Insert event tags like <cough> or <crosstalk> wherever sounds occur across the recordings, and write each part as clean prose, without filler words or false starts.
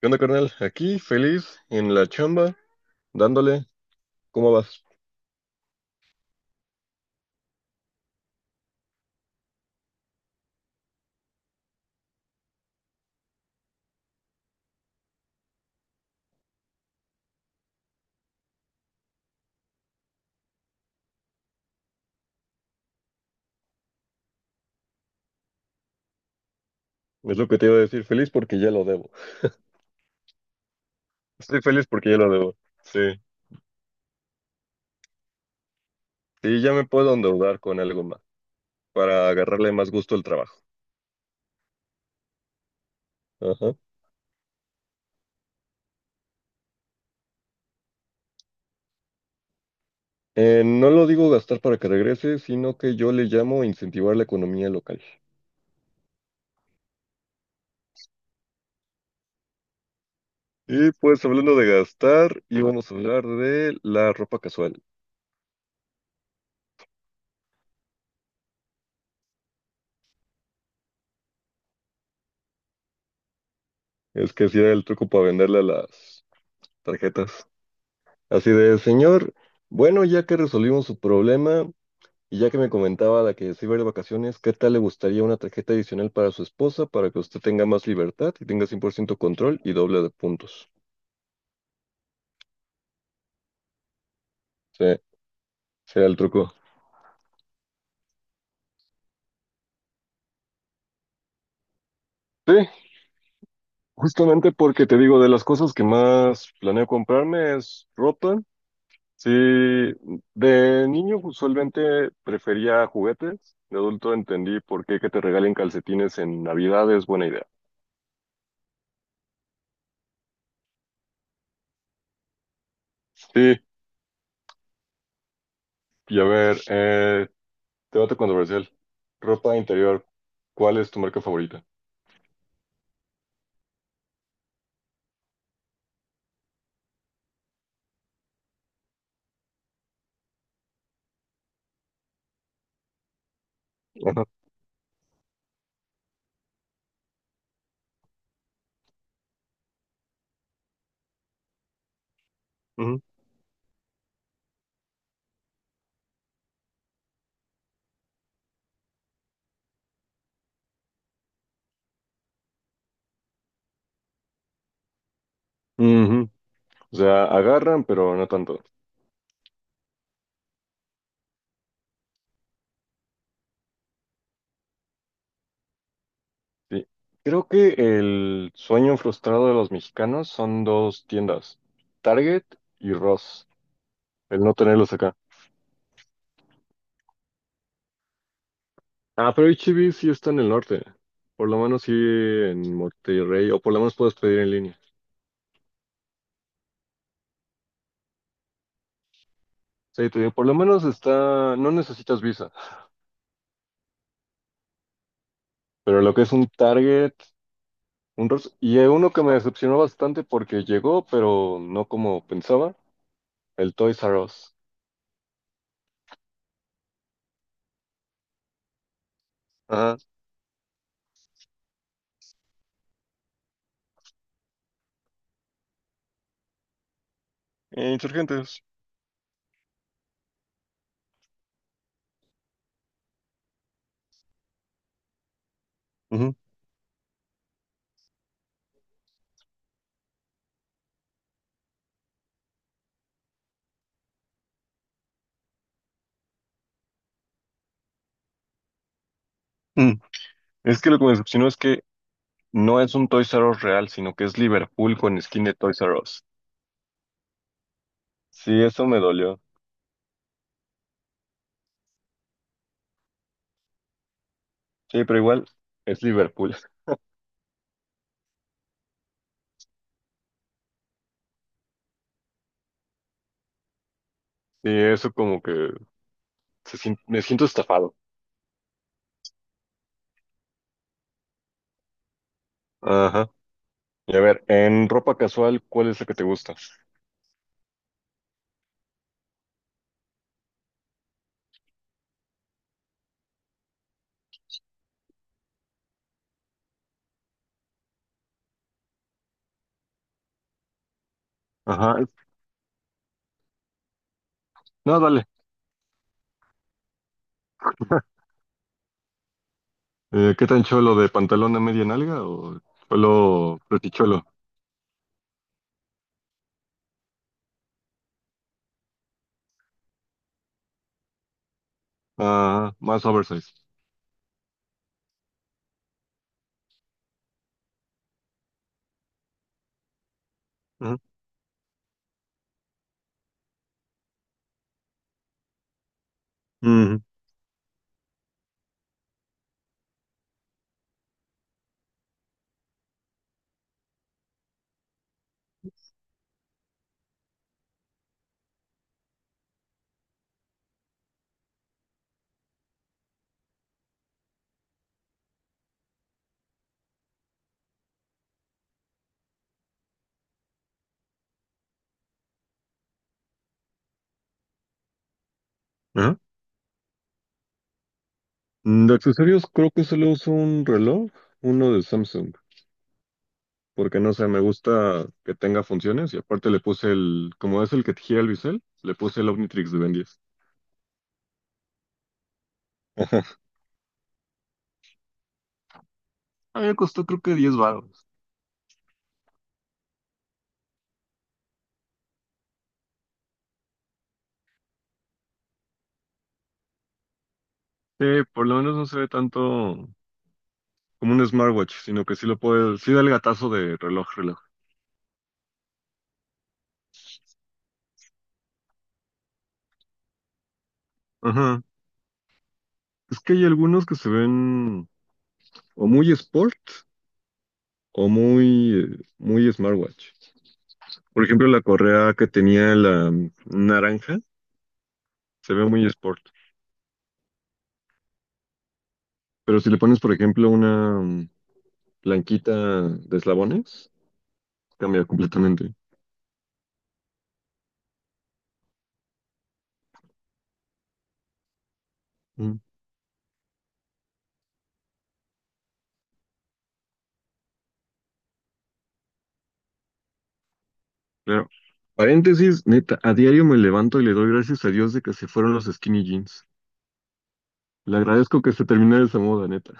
¿Qué onda, carnal? Aquí, feliz, en la chamba, dándole. ¿Cómo vas? Es lo que te iba a decir, feliz porque ya lo debo. Estoy feliz porque ya lo debo. Sí. Sí, ya me puedo endeudar con algo más, para agarrarle más gusto al trabajo. Ajá. No lo digo gastar para que regrese, sino que yo le llamo incentivar la economía local. Y pues hablando de gastar, íbamos a hablar de la ropa casual. Es que si era el truco para venderle a las tarjetas. Así de, señor, bueno, ya que resolvimos su problema, y ya que me comentaba la que se iba a ir de vacaciones, ¿qué tal le gustaría una tarjeta adicional para su esposa para que usted tenga más libertad y tenga 100% control y doble de puntos? Sí, será el truco. Sí, justamente porque te digo, de las cosas que más planeo comprarme es ropa. Sí, de niño usualmente prefería juguetes. De adulto entendí por qué que te regalen calcetines en Navidad es buena idea. Sí, y a ver, debate controversial. Ropa interior, ¿cuál es tu marca favorita? Ajá, ujú, ujú. O sea, agarran, pero no tanto. Sí. Creo que el sueño frustrado de los mexicanos son dos tiendas, Target y Ross, el no tenerlos acá. Ah, pero HB sí está en el norte, por lo menos sí en Monterrey, o por lo menos puedes pedir en línea. Sí, te digo, por lo menos está, no necesitas visa, pero lo que es un Target, un Ross, y hay uno que me decepcionó bastante porque llegó, pero no como pensaba, el Toys R Us. Ajá. Insurgentes. Ujú. Mm. Es que lo que me decepcionó es que no es un Toys R Us real, sino que es Liverpool con skin de Toys R Us. Sí, eso me dolió. Sí, pero igual es Liverpool. <laughs> Sí, eso como que me siento estafado. Ajá. Y a ver, en ropa casual, ¿cuál es la que te gusta? Ajá. No, dale. ¿Qué tan cholo de pantalón a media nalga o cholo preticholo? Ajá, más oversize. Ajá. Ujú. Ajá. De accesorios creo que solo uso un reloj, uno de Samsung, porque no sé, me gusta que tenga funciones y aparte le puse el, como es el que te gira el bisel, le puse el Omnitrix de Ben 10. <laughs> A mí me costó creo que 10 baros. Sí, por lo menos no se ve tanto como un smartwatch, sino que sí lo puede, sí da el gatazo de reloj, reloj. Ajá. Es que hay algunos que se ven o muy sport o muy, muy smartwatch. Por ejemplo, la correa que tenía la naranja se ve muy sport. Pero si le pones, por ejemplo, una blanquita de eslabones, cambia completamente. Mm, claro. Paréntesis, neta, a diario me levanto y le doy gracias a Dios de que se fueron los skinny jeans. Le agradezco que se terminara esa moda, neta.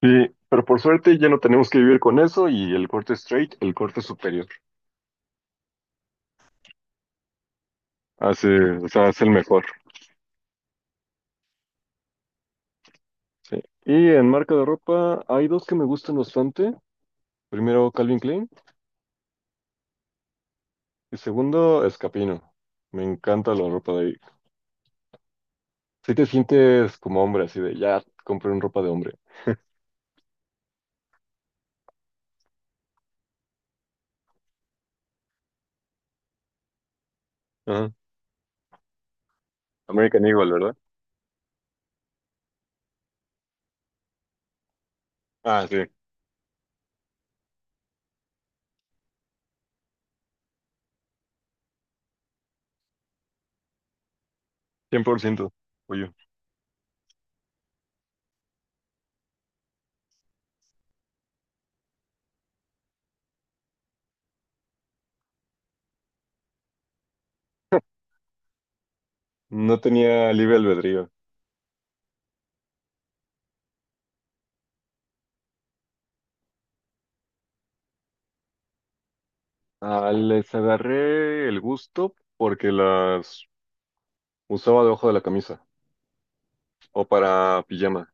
Sí, pero por suerte ya no tenemos que vivir con eso y el corte straight, el corte superior, hace, o sea, es el mejor. Sí. Y en marca de ropa hay dos que me gustan bastante. Primero Calvin Klein y segundo Escapino. Me encanta la ropa de ahí. Si te sientes como hombre, así de ya compré un ropa de hombre. Ajá. American Eagle. Ah, sí, 100%. Oye, no tenía libre albedrío. Ah, les agarré el gusto porque las usaba debajo de la camisa o para pijama.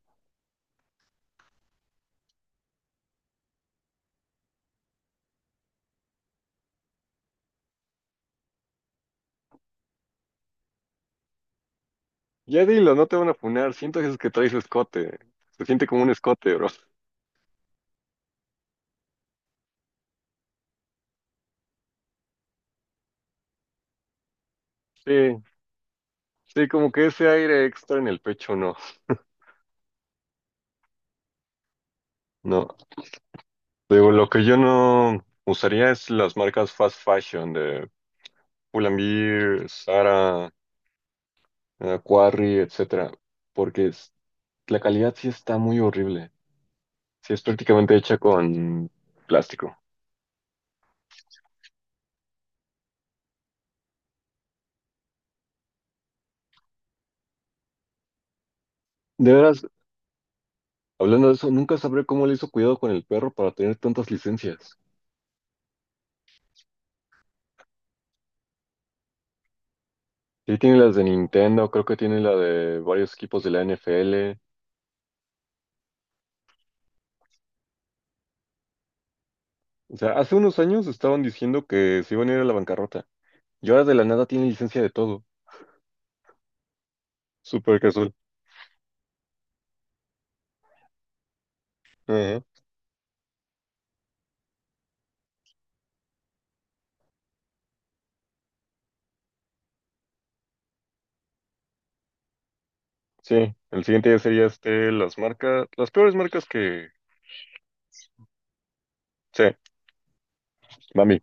Ya dilo, no te van a funar. Siento que es que traes escote. Se siente como un escote, bro. Sí, sí, como que ese aire extra en el pecho, no. No. Digo, lo que yo no usaría es las marcas fast fashion de Pull&Bear, Zara, Quarry, etcétera, porque la calidad sí está muy horrible. Sí, es prácticamente hecha con plástico. De veras, hablando de eso, nunca sabré cómo le hizo cuidado con el perro para tener tantas licencias. Sí, tiene las de Nintendo, creo que tiene la de varios equipos de la NFL. O sea, hace unos años estaban diciendo que se iban a ir a la bancarrota. Y ahora de la nada tiene licencia de todo. Súper casual. Ajá. Sí, el siguiente ya sería este, las marcas, las peores marcas que... Sí, mami.